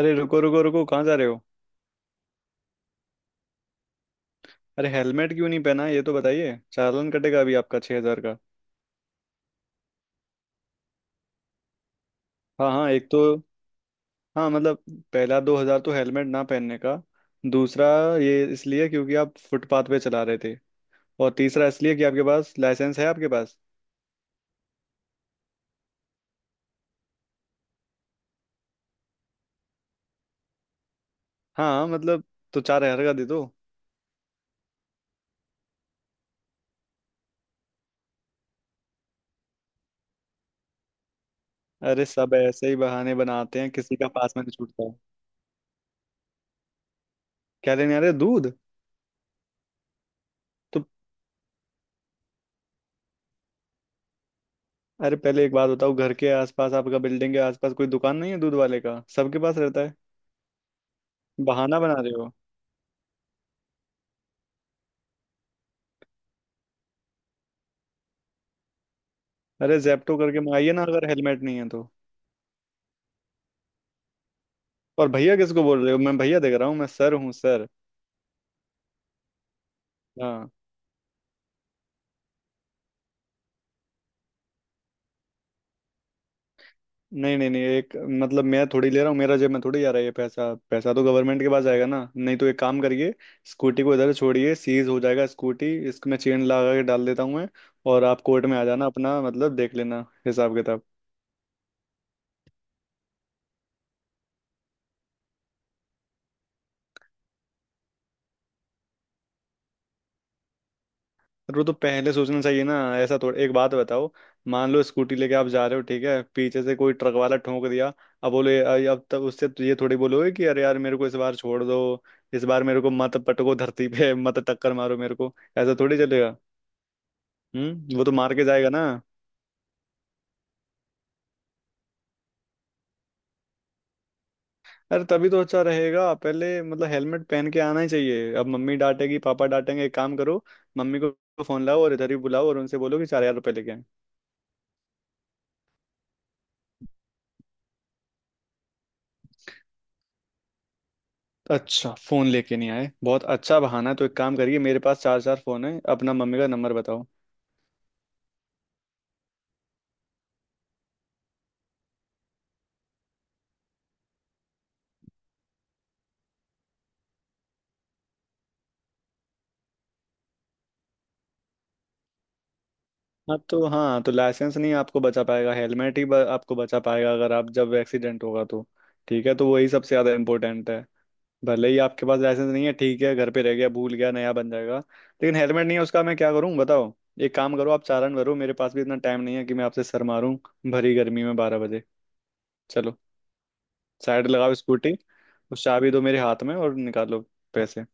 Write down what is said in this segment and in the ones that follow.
अरे रुको रुको रुको, कहाँ जा रहे हो? अरे हेलमेट क्यों नहीं पहना, ये तो बताइए। चालान कटेगा अभी आपका 6,000 का। हाँ हाँ, एक तो, हाँ मतलब, पहला 2,000 तो हेलमेट ना पहनने का। दूसरा ये इसलिए क्योंकि आप फुटपाथ पे चला रहे थे। और तीसरा इसलिए कि आपके पास लाइसेंस है आपके पास। हाँ हाँ, मतलब तो 4,000 का दे दो। अरे सब ऐसे ही बहाने बनाते हैं, किसी का पास में नहीं छूटता है। क्या लेने आ रहे हो? दूध? तो अरे पहले एक बात बताओ, घर के आसपास आपका, बिल्डिंग के आसपास कोई दुकान नहीं है दूध वाले का? सबके पास रहता है। बहाना बना रहे हो। अरे जेप्टो करके मंगाइए ना, अगर हेलमेट नहीं है तो। और भैया किसको बोल रहे हो? मैं भैया देख रहा हूँ? मैं सर हूँ, सर। हाँ। नहीं नहीं नहीं, एक मतलब मैं थोड़ी ले रहा हूँ, मेरा जेब में थोड़ी जा रहा है ये पैसा। पैसा तो गवर्नमेंट के पास जाएगा ना। नहीं तो एक काम करिए, स्कूटी को इधर छोड़िए, सीज हो जाएगा स्कूटी, इसमें चेन लगा के डाल देता हूँ मैं। और आप कोर्ट में आ जाना, अपना मतलब देख लेना हिसाब किताब। वो तो पहले सोचना चाहिए ना, ऐसा थोड़ा। एक बात बताओ, मान लो स्कूटी लेके आप जा रहे हो, ठीक है, पीछे से कोई ट्रक वाला ठोक दिया, अब बोले अब तब उससे तो ये थोड़ी बोलोगे कि अरे यार मेरे को इस बार छोड़ दो, इस बार मेरे को मत पटको धरती पे मत टक्कर मारो मेरे को, ऐसा थोड़ी चलेगा। हम्म, वो तो मार के जाएगा ना। अरे तभी तो, अच्छा रहेगा पहले, मतलब हेलमेट पहन के आना ही चाहिए। अब मम्मी डांटेगी, पापा डांटेंगे। एक काम करो, मम्मी को फोन लाओ और इधर ही बुलाओ, और उनसे बोलो कि 4,000 रुपये लेके आएं। अच्छा, फोन लेके नहीं आए, बहुत अच्छा बहाना है। तो एक काम करिए, मेरे पास चार चार फोन है, अपना मम्मी का नंबर बताओ। हाँ तो, हाँ तो लाइसेंस नहीं आपको बचा पाएगा, हेलमेट ही आपको बचा पाएगा, अगर आप, जब एक्सीडेंट होगा तो। ठीक है, तो वही सबसे ज्यादा इंपॉर्टेंट है। भले ही आपके पास लाइसेंस नहीं है ठीक है, घर पे रह गया, भूल गया, नया बन जाएगा। लेकिन हेलमेट नहीं है, उसका मैं क्या करूँ बताओ। एक काम करो, आप चालान भरो। मेरे पास भी इतना टाइम नहीं है कि मैं आपसे सर मारूं, भरी गर्मी में 12 बजे। चलो, साइड लगाओ स्कूटी। उस चाबी दो मेरे हाथ में, और निकालो पैसे।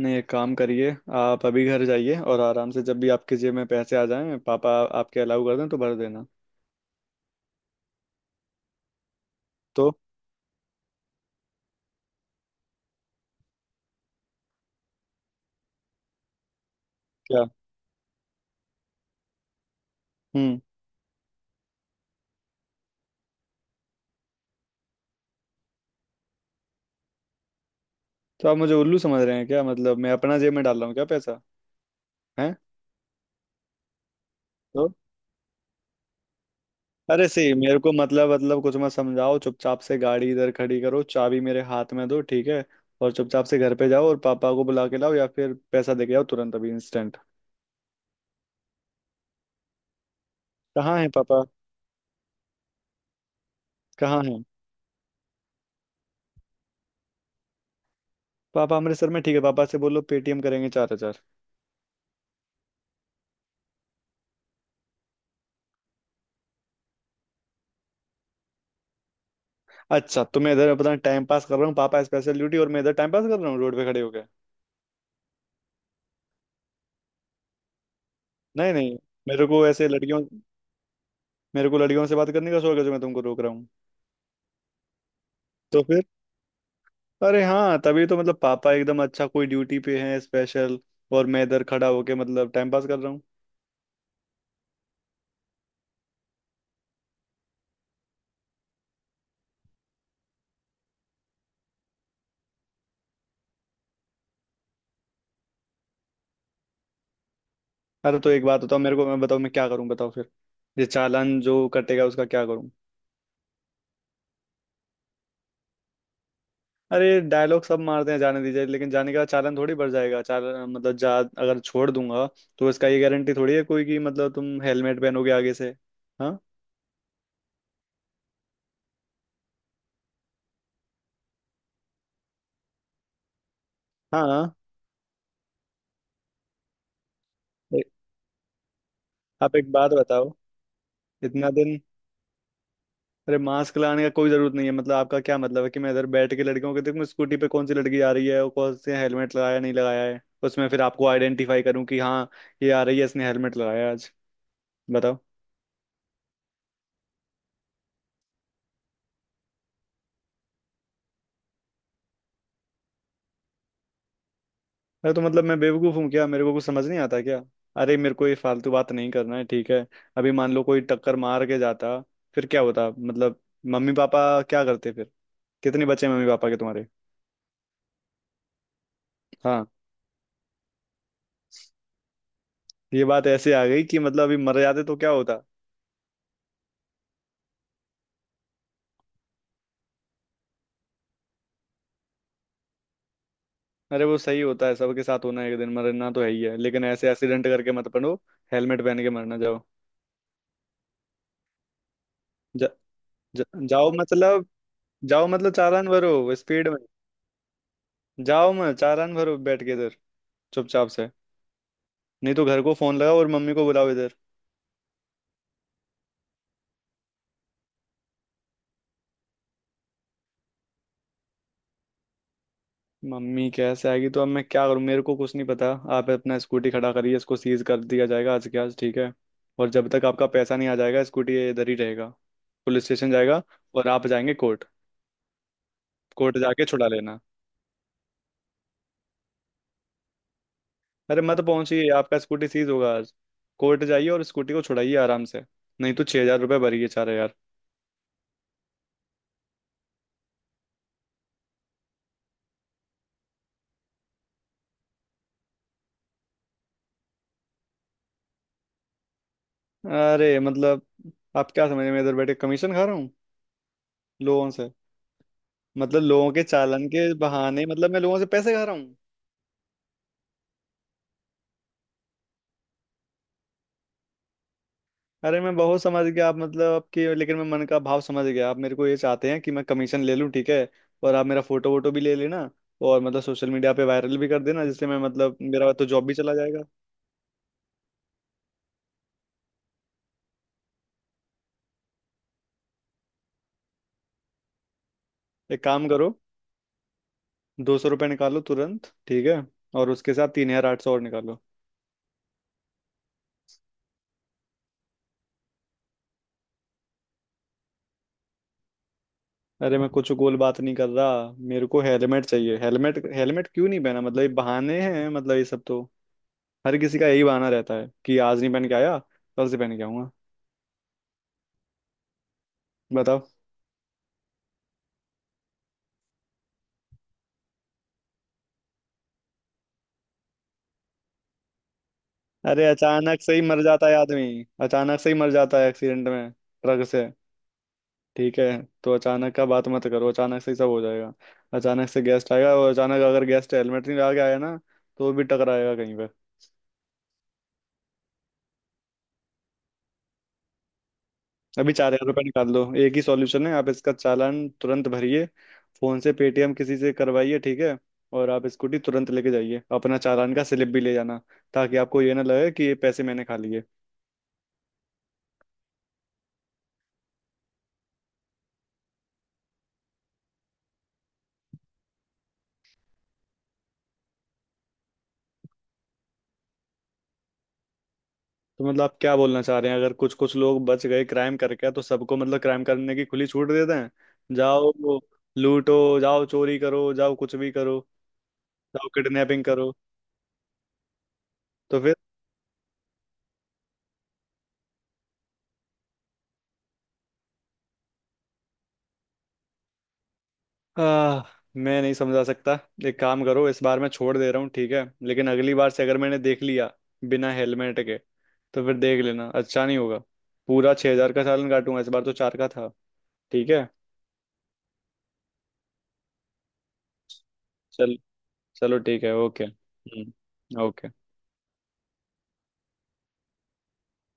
नहीं, एक काम करिए, आप अभी घर जाइए और आराम से जब भी आपके जेब में पैसे आ जाएं, पापा आपके अलाउ कर दें, तो भर देना। तो क्या? हम्म। तो आप मुझे उल्लू समझ रहे हैं क्या? मतलब मैं अपना जेब में डाल रहा हूँ क्या पैसा है? तो अरे सही, मेरे को मतलब कुछ मत समझाओ, चुपचाप से गाड़ी इधर खड़ी करो, चाबी मेरे हाथ में दो ठीक है। और चुपचाप से घर पे जाओ और पापा को बुला के लाओ, या फिर पैसा दे के आओ तुरंत अभी इंस्टेंट। कहाँ है पापा, कहाँ है? पापा अमृतसर में, ठीक है, पापा से बोलो पेटीएम करेंगे 4,000। अच्छा, तो मैं इधर अपना टाइम पास कर रहा हूँ? पापा स्पेशल ड्यूटी और मैं इधर टाइम पास कर रहा हूँ रोड पे खड़े होकर। नहीं नहीं, मेरे को ऐसे लड़कियों, मेरे को लड़कियों से बात करने का शौक है जो मैं तुमको रोक रहा हूँ? तो फिर? अरे हाँ, तभी तो, मतलब पापा एकदम अच्छा कोई ड्यूटी पे है स्पेशल, और मैं इधर खड़ा होके मतलब टाइम पास कर रहा हूँ। अरे तो एक बात बताओ मेरे को, मैं बताओ मैं क्या करूँ, बताओ फिर। ये चालान जो कटेगा उसका क्या करूँ? अरे डायलॉग सब मारते हैं जाने दीजिए, लेकिन जाने का चालान थोड़ी बढ़ जाएगा। चालान, मतलब जा, अगर छोड़ दूंगा तो इसका ये गारंटी थोड़ी है कोई कि मतलब तुम हेलमेट पहनोगे आगे से। हाँ। हाँ ए- आप एक बात बताओ, इतना दिन, अरे मास्क लगाने का कोई जरूरत नहीं है। मतलब आपका क्या मतलब है कि मैं इधर बैठ के लड़कियों को देखूं, स्कूटी पे कौन सी लड़की आ रही है और कौन से हेलमेट लगाया नहीं लगाया है, उसमें फिर आपको आइडेंटिफाई करूं कि हाँ, ये आ रही है, इसने हेलमेट लगाया है आज, बताओ? अरे तो मतलब मैं बेवकूफ़ हूँ क्या, मेरे को कुछ समझ नहीं आता क्या? अरे मेरे को ये फालतू बात नहीं करना है ठीक है। अभी मान लो कोई टक्कर मार के जाता, फिर क्या होता मतलब? मम्मी पापा क्या करते फिर? कितने बच्चे मम्मी पापा के तुम्हारे? हाँ। ये बात ऐसे आ गई कि मतलब अभी मर जाते तो क्या होता? अरे वो सही होता है, सबके साथ होना है, एक दिन मरना तो है ही है, लेकिन ऐसे एक्सीडेंट करके मत पड़ो। हेलमेट पहन के मरना जाओ। जा, जा, जाओ मतलब। जाओ मतलब चालान भरो स्पीड में। जाओ, मैं चालान भरो बैठ के इधर चुपचाप से। नहीं तो घर को फोन लगाओ और मम्मी को बुलाओ इधर। मम्मी कैसे आएगी तो अब मैं क्या करूँ, मेरे को कुछ नहीं पता। आप अपना स्कूटी खड़ा करिए, इसको सीज कर दिया जाएगा आज के आज ठीक है। और जब तक आपका पैसा नहीं आ जाएगा, स्कूटी ये इधर ही रहेगा, पुलिस स्टेशन जाएगा। और आप जाएंगे कोर्ट। कोर्ट जाके छुड़ा लेना। अरे मत पहुंचिए, आपका स्कूटी सीज होगा आज। कोर्ट जाइए और स्कूटी को छुड़ाइए आराम से। नहीं तो 6,000 रुपये भरिए, 4,000। अरे मतलब आप क्या समझ, मैं इधर बैठे कमीशन खा रहा हूँ लोगों से? मतलब लोगों के चालान के बहाने मतलब मैं लोगों से पैसे खा रहा हूँ? अरे मैं बहुत समझ गया आप, मतलब आपकी, लेकिन मैं मन का भाव समझ गया। आप मेरे को ये चाहते हैं कि मैं कमीशन ले लूँ ठीक है, और आप मेरा फोटो वोटो भी ले लेना, और मतलब सोशल मीडिया पे वायरल भी कर देना, जिससे मैं मतलब मेरा तो जॉब भी चला जाएगा। एक काम करो, 200 रुपये निकालो तुरंत ठीक है, और उसके साथ 3,800 और निकालो। अरे मैं कुछ गोल बात नहीं कर रहा, मेरे को हेलमेट चाहिए, हेलमेट। हेलमेट क्यों नहीं पहना, मतलब ये बहाने हैं, मतलब ये सब तो हर किसी का यही बहाना रहता है कि आज नहीं पहन के आया, कल से पहन के आऊंगा। बताओ। अरे अचानक से ही मर जाता है आदमी, अचानक से ही मर जाता है एक्सीडेंट में ट्रक से ठीक है। तो अचानक का बात मत करो, अचानक से ही सब हो जाएगा। अचानक से गेस्ट आएगा, और अचानक अगर गेस्ट हेलमेट नहीं लगा के आया ना, तो वो भी टकराएगा कहीं पे। अभी 4,000 रुपये निकाल लो, एक ही सॉल्यूशन है, आप इसका चालान तुरंत भरिए। फोन से पेटीएम किसी से करवाइए ठीक है, और आप स्कूटी तुरंत लेके जाइए, अपना चालान का स्लिप भी ले जाना, ताकि आपको ये ना लगे कि ये पैसे मैंने खा लिए। तो मतलब आप क्या बोलना चाह रहे हैं, अगर कुछ कुछ लोग बच गए क्राइम करके, तो सबको मतलब क्राइम करने की खुली छूट देते हैं, जाओ लूटो, जाओ चोरी करो, जाओ कुछ भी करो, जाओ किडनैपिंग करो। तो फिर? आह, मैं नहीं समझा सकता। एक काम करो, इस बार मैं छोड़ दे रहा हूँ ठीक है, लेकिन अगली बार से अगर मैंने देख लिया बिना हेलमेट के, तो फिर देख लेना अच्छा नहीं होगा। पूरा 6,000 का चालान काटूंगा, इस बार तो चार का था ठीक है। चल, चलो ठीक है, ओके। हम्म, ओके।